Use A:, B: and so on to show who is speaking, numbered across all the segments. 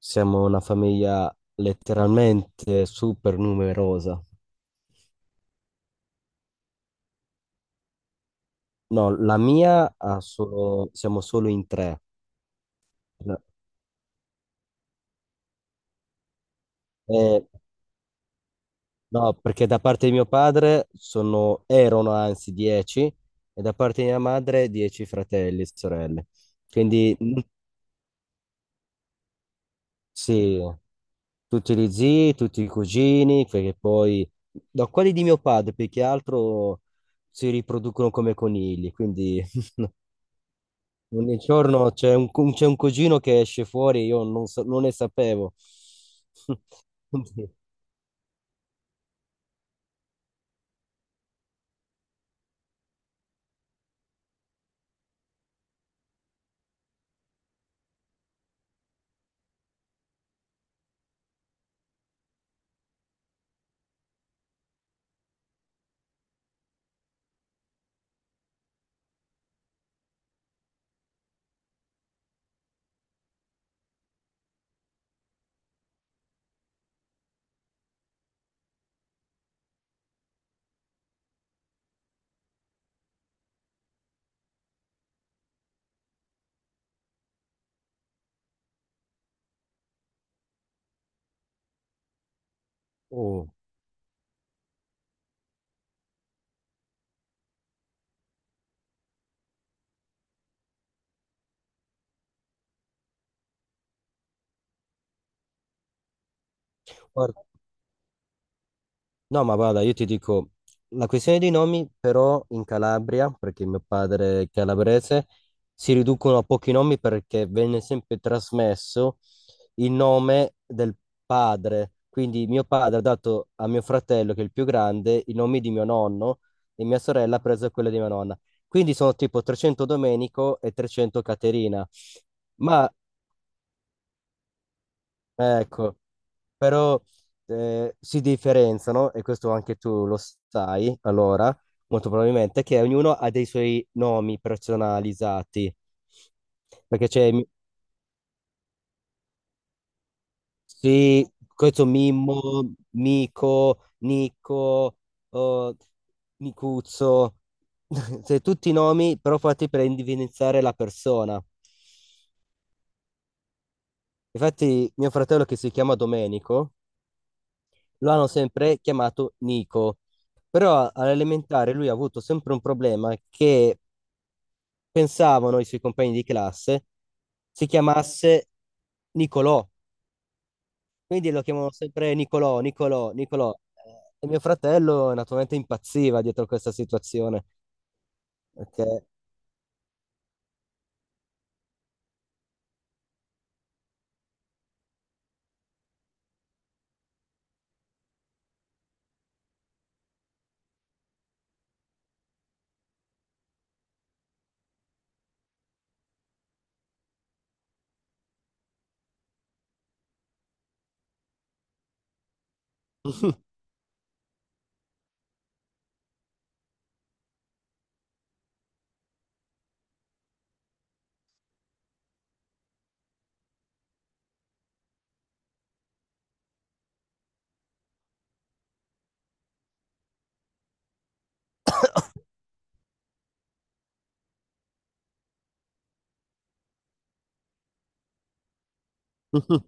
A: Siamo una famiglia letteralmente super numerosa. No, la mia ha solo, siamo solo in tre. E- no, perché da parte di mio padre sono, erano anzi 10 e da parte di mia madre 10 fratelli e sorelle. Quindi sì, tutti gli zii, tutti i cugini, perché poi da quelli di mio padre, più che altro si riproducono come conigli, quindi ogni giorno c'è un, c'è un cugino che esce fuori, io non, non ne sapevo. Quindi, oh, guarda. No, ma guarda, io ti dico, la questione dei nomi però in Calabria, perché mio padre è calabrese, si riducono a pochi nomi perché venne sempre trasmesso il nome del padre. Quindi mio padre ha dato a mio fratello, che è il più grande, i nomi di mio nonno e mia sorella ha preso quello di mia nonna. Quindi sono tipo 300 Domenico e 300 Caterina. Ma ecco, però si differenziano, e questo anche tu lo sai, allora, molto probabilmente, che ognuno ha dei suoi nomi personalizzati, perché c'è, sì, questo Mimmo, Mico, Nico, oh, Nicuzzo, cioè, tutti i nomi però fatti per individuare la persona. Infatti mio fratello che si chiama Domenico, lo hanno sempre chiamato Nico. Però all'elementare lui ha avuto sempre un problema che pensavano i suoi compagni di classe si chiamasse Nicolò. Quindi lo chiamavano sempre Nicolò, Nicolò, Nicolò. E mio fratello naturalmente impazziva dietro questa situazione. Perché...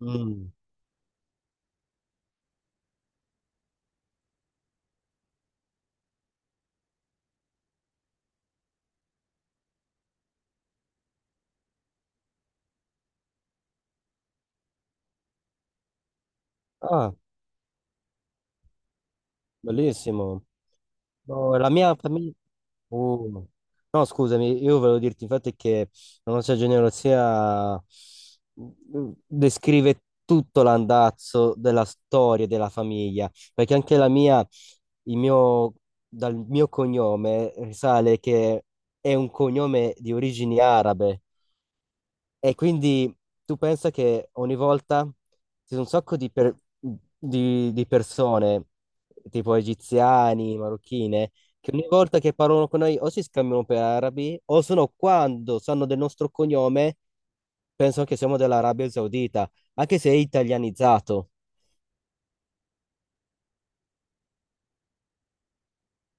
A: Mm. Ah, bellissimo. No, la mia famiglia... Oh. No, scusami, io volevo dirti infatti che la nostra genealogia descrive tutto l'andazzo della storia della famiglia, perché anche la mia, il mio, dal mio cognome risale che è un cognome di origini arabe. E quindi tu pensa che ogni volta ci sono un sacco di, di persone, tipo egiziani, marocchine, che ogni volta che parlano con noi o si scambiano per arabi, o se no quando sanno del nostro cognome, pensano che siamo dell'Arabia Saudita, anche se è italianizzato.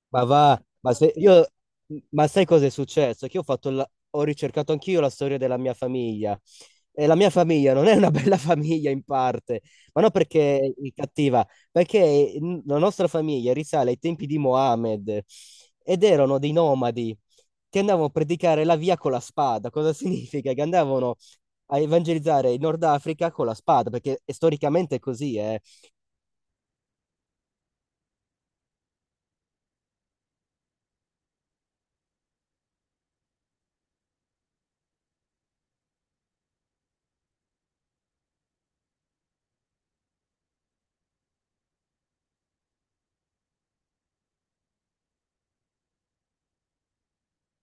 A: Ma va, ma se io, ma sai cosa è successo? Che io ho fatto ho ricercato anch'io la storia della mia famiglia e la mia famiglia non è una bella famiglia in parte, ma non perché è cattiva, perché la nostra famiglia risale ai tempi di Mohammed ed erano dei nomadi che andavano a predicare la via con la spada. Cosa significa? Che andavano a evangelizzare il Nord Africa con la spada, perché è storicamente così, eh.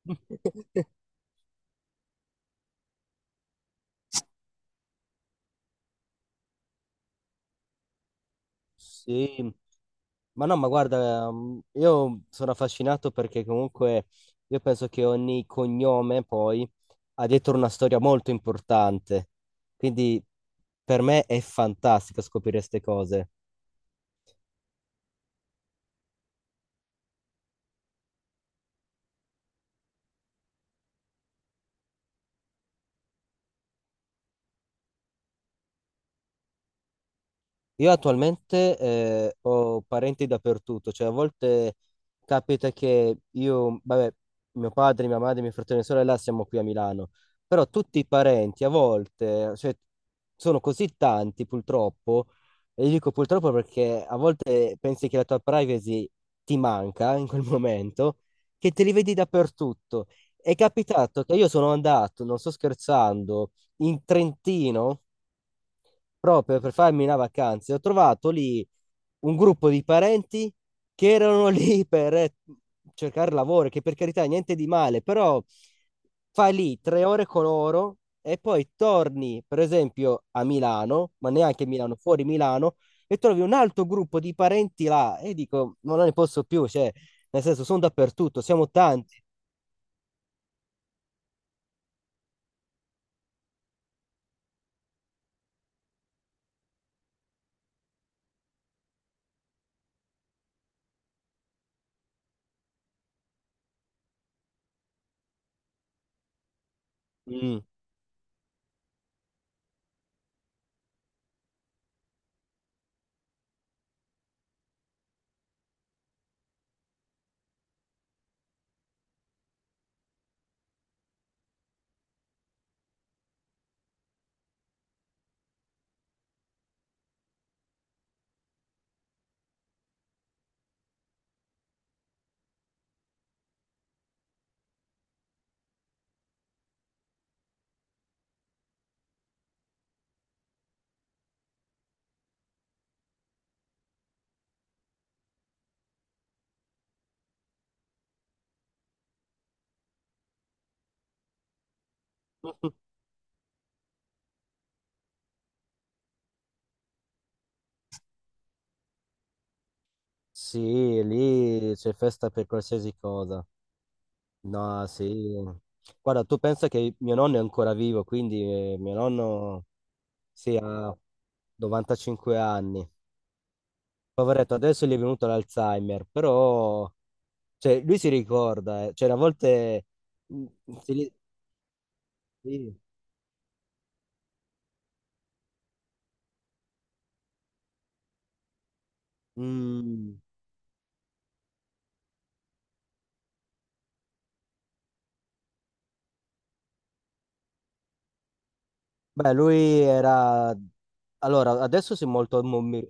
A: Sì. Ma no, ma guarda, io sono affascinato perché comunque io penso che ogni cognome poi ha dietro una storia molto importante. Quindi per me è fantastico scoprire queste cose. Io attualmente ho parenti dappertutto, cioè a volte capita che io, vabbè, mio padre, mia madre, mio fratello e mia sorella siamo qui a Milano, però tutti i parenti a volte, cioè, sono così tanti purtroppo, e io dico purtroppo perché a volte pensi che la tua privacy ti manca in quel momento, che te li vedi dappertutto. È capitato che io sono andato, non sto scherzando, in Trentino proprio per farmi una vacanza. E ho trovato lì un gruppo di parenti che erano lì per cercare lavoro, che per carità niente di male, però fai lì 3 ore con loro e poi torni, per esempio, a Milano, ma neanche a Milano, fuori Milano, e trovi un altro gruppo di parenti là e dico, ma non ne posso più, cioè, nel senso, sono dappertutto, siamo tanti. Mm. Sì, lì c'è festa per qualsiasi cosa. No, sì. Guarda, tu pensa che mio nonno è ancora vivo, quindi mio nonno sì, ha 95 anni. Poveretto, adesso gli è venuto l'Alzheimer, però cioè, lui si ricorda, eh. Cioè, a volte... mm, si- sì. Mm. Beh, lui era... Allora, adesso si è molto,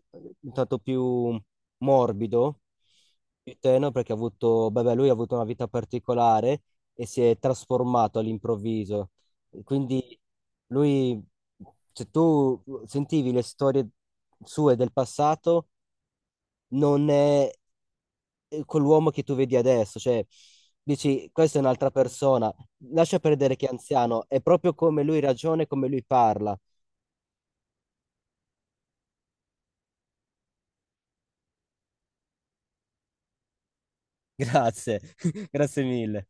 A: tanto più morbido, più tenero, perché ha avuto... Beh, beh, lui ha avuto una vita particolare e si è trasformato all'improvviso. Quindi lui, se tu sentivi le storie sue del passato, non è quell'uomo che tu vedi adesso. Cioè, dici, questa è un'altra persona. Lascia perdere che è anziano, è proprio come lui ragiona e come lui parla. Grazie, grazie mille.